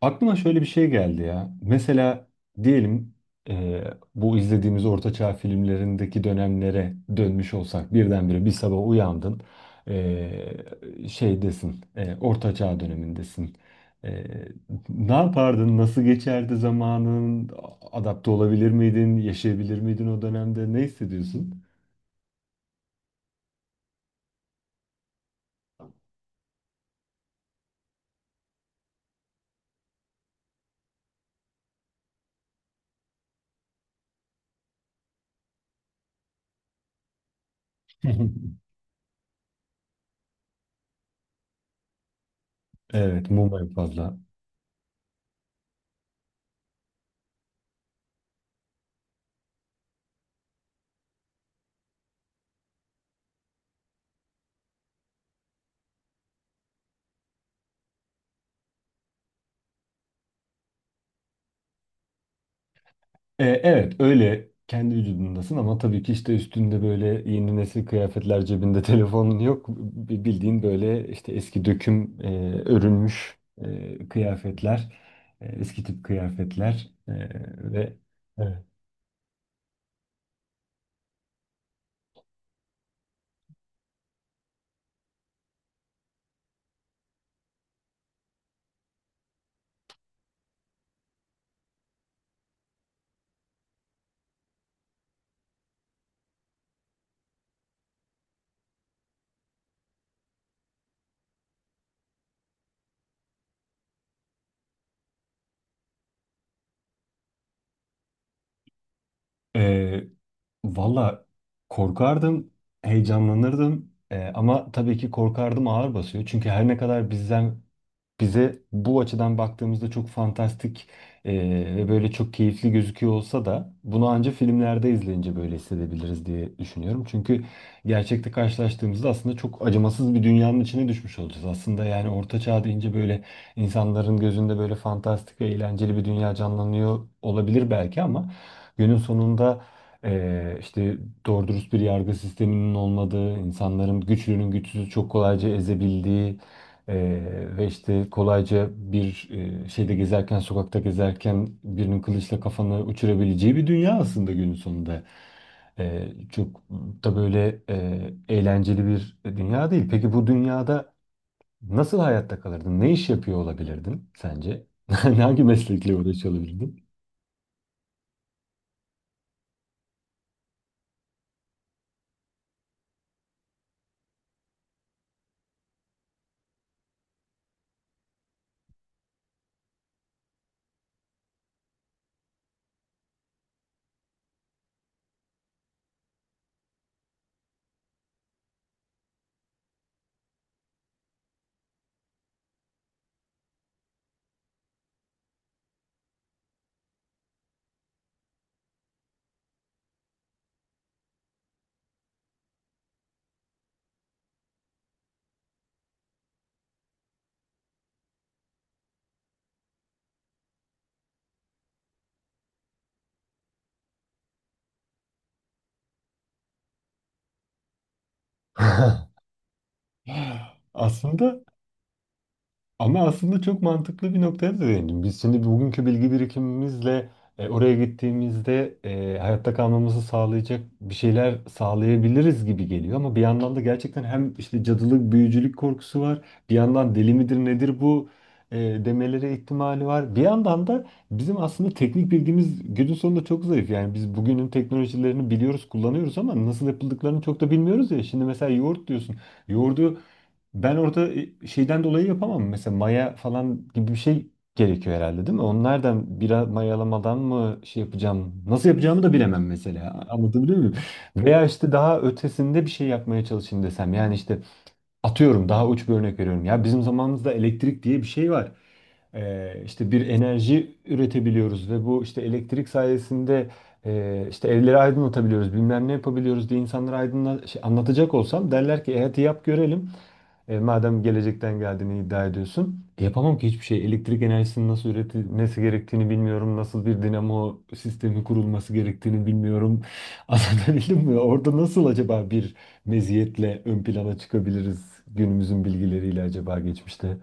Aklıma şöyle bir şey geldi ya. Mesela diyelim, e, bu izlediğimiz ortaçağ filmlerindeki dönemlere dönmüş olsak birdenbire bir sabah uyandın, şeydesin, ortaçağ dönemindesin. E, ne yapardın? Nasıl geçerdi zamanın? Adapte olabilir miydin? Yaşayabilir miydin o dönemde? Ne hissediyorsun? Evet, mum en fazla. Evet, öyle kendi vücudundasın ama tabii ki işte üstünde böyle yeni nesil kıyafetler, cebinde telefonun yok. Bildiğin böyle işte eski döküm, örülmüş kıyafetler, eski tip kıyafetler ve evet. E, Valla korkardım, heyecanlanırdım. Ama tabii ki korkardım ağır basıyor. Çünkü her ne kadar bizden bize bu açıdan baktığımızda çok fantastik ve böyle çok keyifli gözüküyor olsa da bunu ancak filmlerde izleyince böyle hissedebiliriz diye düşünüyorum. Çünkü gerçekte karşılaştığımızda aslında çok acımasız bir dünyanın içine düşmüş olacağız. Aslında yani orta çağ deyince böyle insanların gözünde böyle fantastik ve eğlenceli bir dünya canlanıyor olabilir belki ama günün sonunda işte doğru dürüst bir yargı sisteminin olmadığı, insanların güçlünün güçsüzü çok kolayca ezebildiği, ve işte kolayca bir e, şeyde gezerken, sokakta gezerken birinin kılıçla kafanı uçurabileceği bir dünya aslında günün sonunda. Çok da böyle eğlenceli bir dünya değil. Peki bu dünyada nasıl hayatta kalırdın? Ne iş yapıyor olabilirdin sence? Hangi meslekle uğraşıyor olabilirdin? Aslında Ama aslında çok mantıklı bir noktaya da değindim. Biz şimdi bugünkü bilgi birikimimizle oraya gittiğimizde hayatta kalmamızı sağlayacak bir şeyler sağlayabiliriz gibi geliyor. Ama bir yandan da gerçekten hem işte cadılık, büyücülük korkusu var. Bir yandan deli midir nedir bu e, demelere ihtimali var. Bir yandan da bizim aslında teknik bilgimiz günün sonunda çok zayıf. Yani biz bugünün teknolojilerini biliyoruz, kullanıyoruz ama nasıl yapıldıklarını çok da bilmiyoruz ya. Şimdi mesela yoğurt diyorsun. Yoğurdu ben orada şeyden dolayı yapamam. Mesela maya falan gibi bir şey gerekiyor herhalde, değil mi? Onlardan biraz mayalamadan mı şey yapacağım? Nasıl yapacağımı da bilemem mesela. Anlatabiliyor muyum? Veya işte daha ötesinde bir şey yapmaya çalışayım desem. Yani işte atıyorum, daha uç bir örnek veriyorum. Ya bizim zamanımızda elektrik diye bir şey var. İşte bir enerji üretebiliyoruz ve bu işte elektrik sayesinde işte evleri aydınlatabiliyoruz, bilmem ne yapabiliyoruz diye insanlara aydınla, şey, anlatacak olsam derler ki hadi yap görelim. Madem gelecekten geldiğini iddia ediyorsun. Yapamam ki hiçbir şey. Elektrik enerjisinin nasıl üretilmesi gerektiğini bilmiyorum. Nasıl bir dinamo sistemi kurulması gerektiğini bilmiyorum. Anlatabildim mi? Orada nasıl acaba bir meziyetle ön plana çıkabiliriz günümüzün bilgileriyle acaba geçmişte?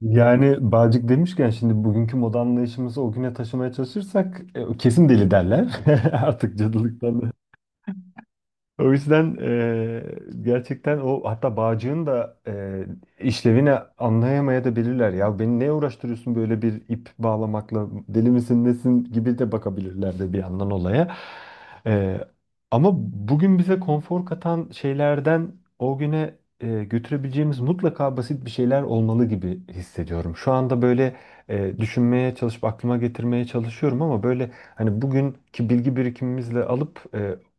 Yani bağcık demişken şimdi bugünkü moda anlayışımızı o güne taşımaya çalışırsak kesin deli derler. Artık cadılıktan O yüzden gerçekten o, hatta bağcığın da işlevini anlayamaya da bilirler. Ya beni neye uğraştırıyorsun böyle bir ip bağlamakla, deli misin nesin gibi de bakabilirler de bir yandan olaya. Eee, ama bugün bize konfor katan şeylerden o güne götürebileceğimiz mutlaka basit bir şeyler olmalı gibi hissediyorum. Şu anda böyle düşünmeye çalışıp aklıma getirmeye çalışıyorum ama böyle hani bugünkü bilgi birikimimizle alıp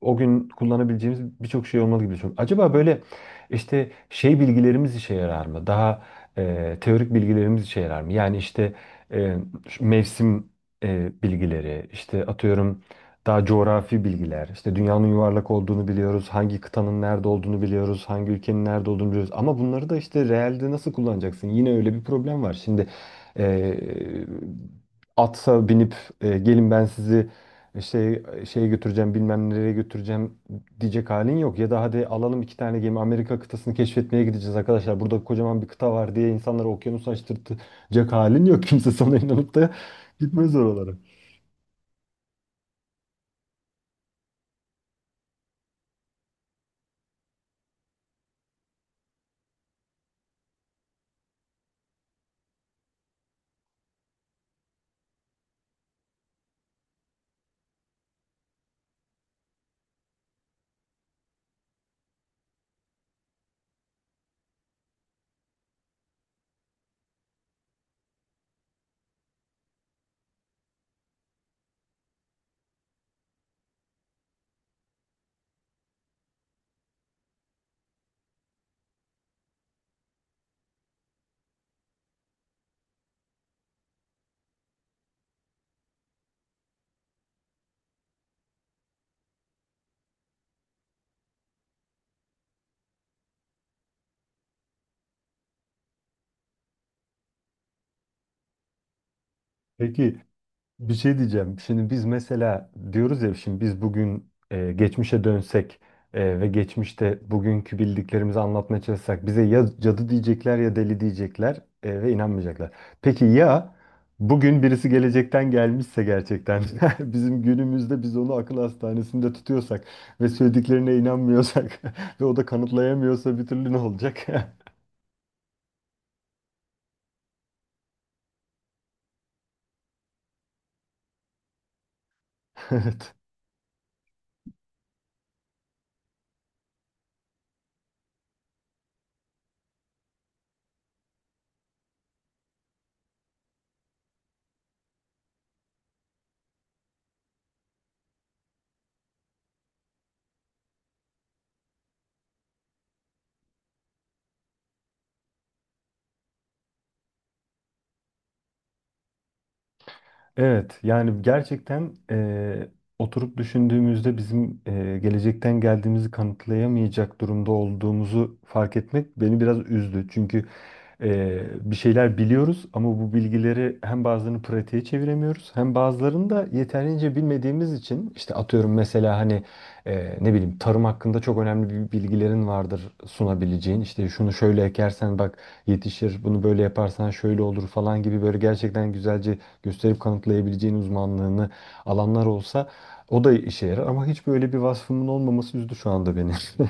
o gün kullanabileceğimiz birçok şey olmalı gibi düşünüyorum. Acaba böyle işte şey bilgilerimiz işe yarar mı? Daha teorik bilgilerimiz işe yarar mı? Yani işte e, şu mevsim bilgileri, işte atıyorum daha coğrafi bilgiler, işte dünyanın yuvarlak olduğunu biliyoruz, hangi kıtanın nerede olduğunu biliyoruz, hangi ülkenin nerede olduğunu biliyoruz. Ama bunları da işte realde nasıl kullanacaksın? Yine öyle bir problem var. Şimdi e, atsa binip gelin ben sizi şey şeye götüreceğim, bilmem nereye götüreceğim diyecek halin yok. Ya da hadi alalım iki tane gemi, Amerika kıtasını keşfetmeye gideceğiz arkadaşlar. Burada kocaman bir kıta var diye insanları okyanusa açtırtacak halin yok. Kimse sana inanıp da gitmez oralara. Peki, bir şey diyeceğim. Şimdi biz mesela diyoruz ya, şimdi biz bugün geçmişe dönsek ve geçmişte bugünkü bildiklerimizi anlatmaya çalışsak bize ya cadı diyecekler ya deli diyecekler, ve inanmayacaklar. Peki ya bugün birisi gelecekten gelmişse gerçekten bizim günümüzde biz onu akıl hastanesinde tutuyorsak ve söylediklerine inanmıyorsak ve o da kanıtlayamıyorsa bir türlü, ne olacak? Evet. Evet, yani gerçekten oturup düşündüğümüzde bizim gelecekten geldiğimizi kanıtlayamayacak durumda olduğumuzu fark etmek beni biraz üzdü. Çünkü bir şeyler biliyoruz ama bu bilgileri hem bazılarını pratiğe çeviremiyoruz hem bazılarını da yeterince bilmediğimiz için, işte atıyorum mesela hani ne bileyim tarım hakkında çok önemli bir bilgilerin vardır sunabileceğin. İşte şunu şöyle ekersen bak yetişir, bunu böyle yaparsan şöyle olur falan gibi böyle gerçekten güzelce gösterip kanıtlayabileceğin uzmanlığını alanlar olsa o da işe yarar ama hiç böyle bir vasfımın olmaması üzdü şu anda beni.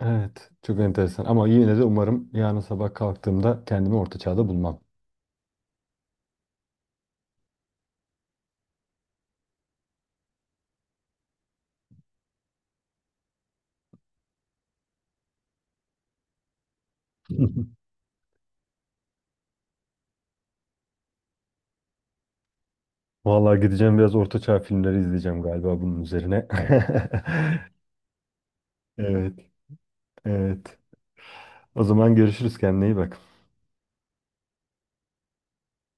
Evet, çok enteresan ama yine de umarım yarın sabah kalktığımda kendimi orta çağda bulmam. Vallahi gideceğim biraz orta çağ filmleri izleyeceğim galiba bunun üzerine. Evet, evet. O zaman görüşürüz, kendine iyi bak.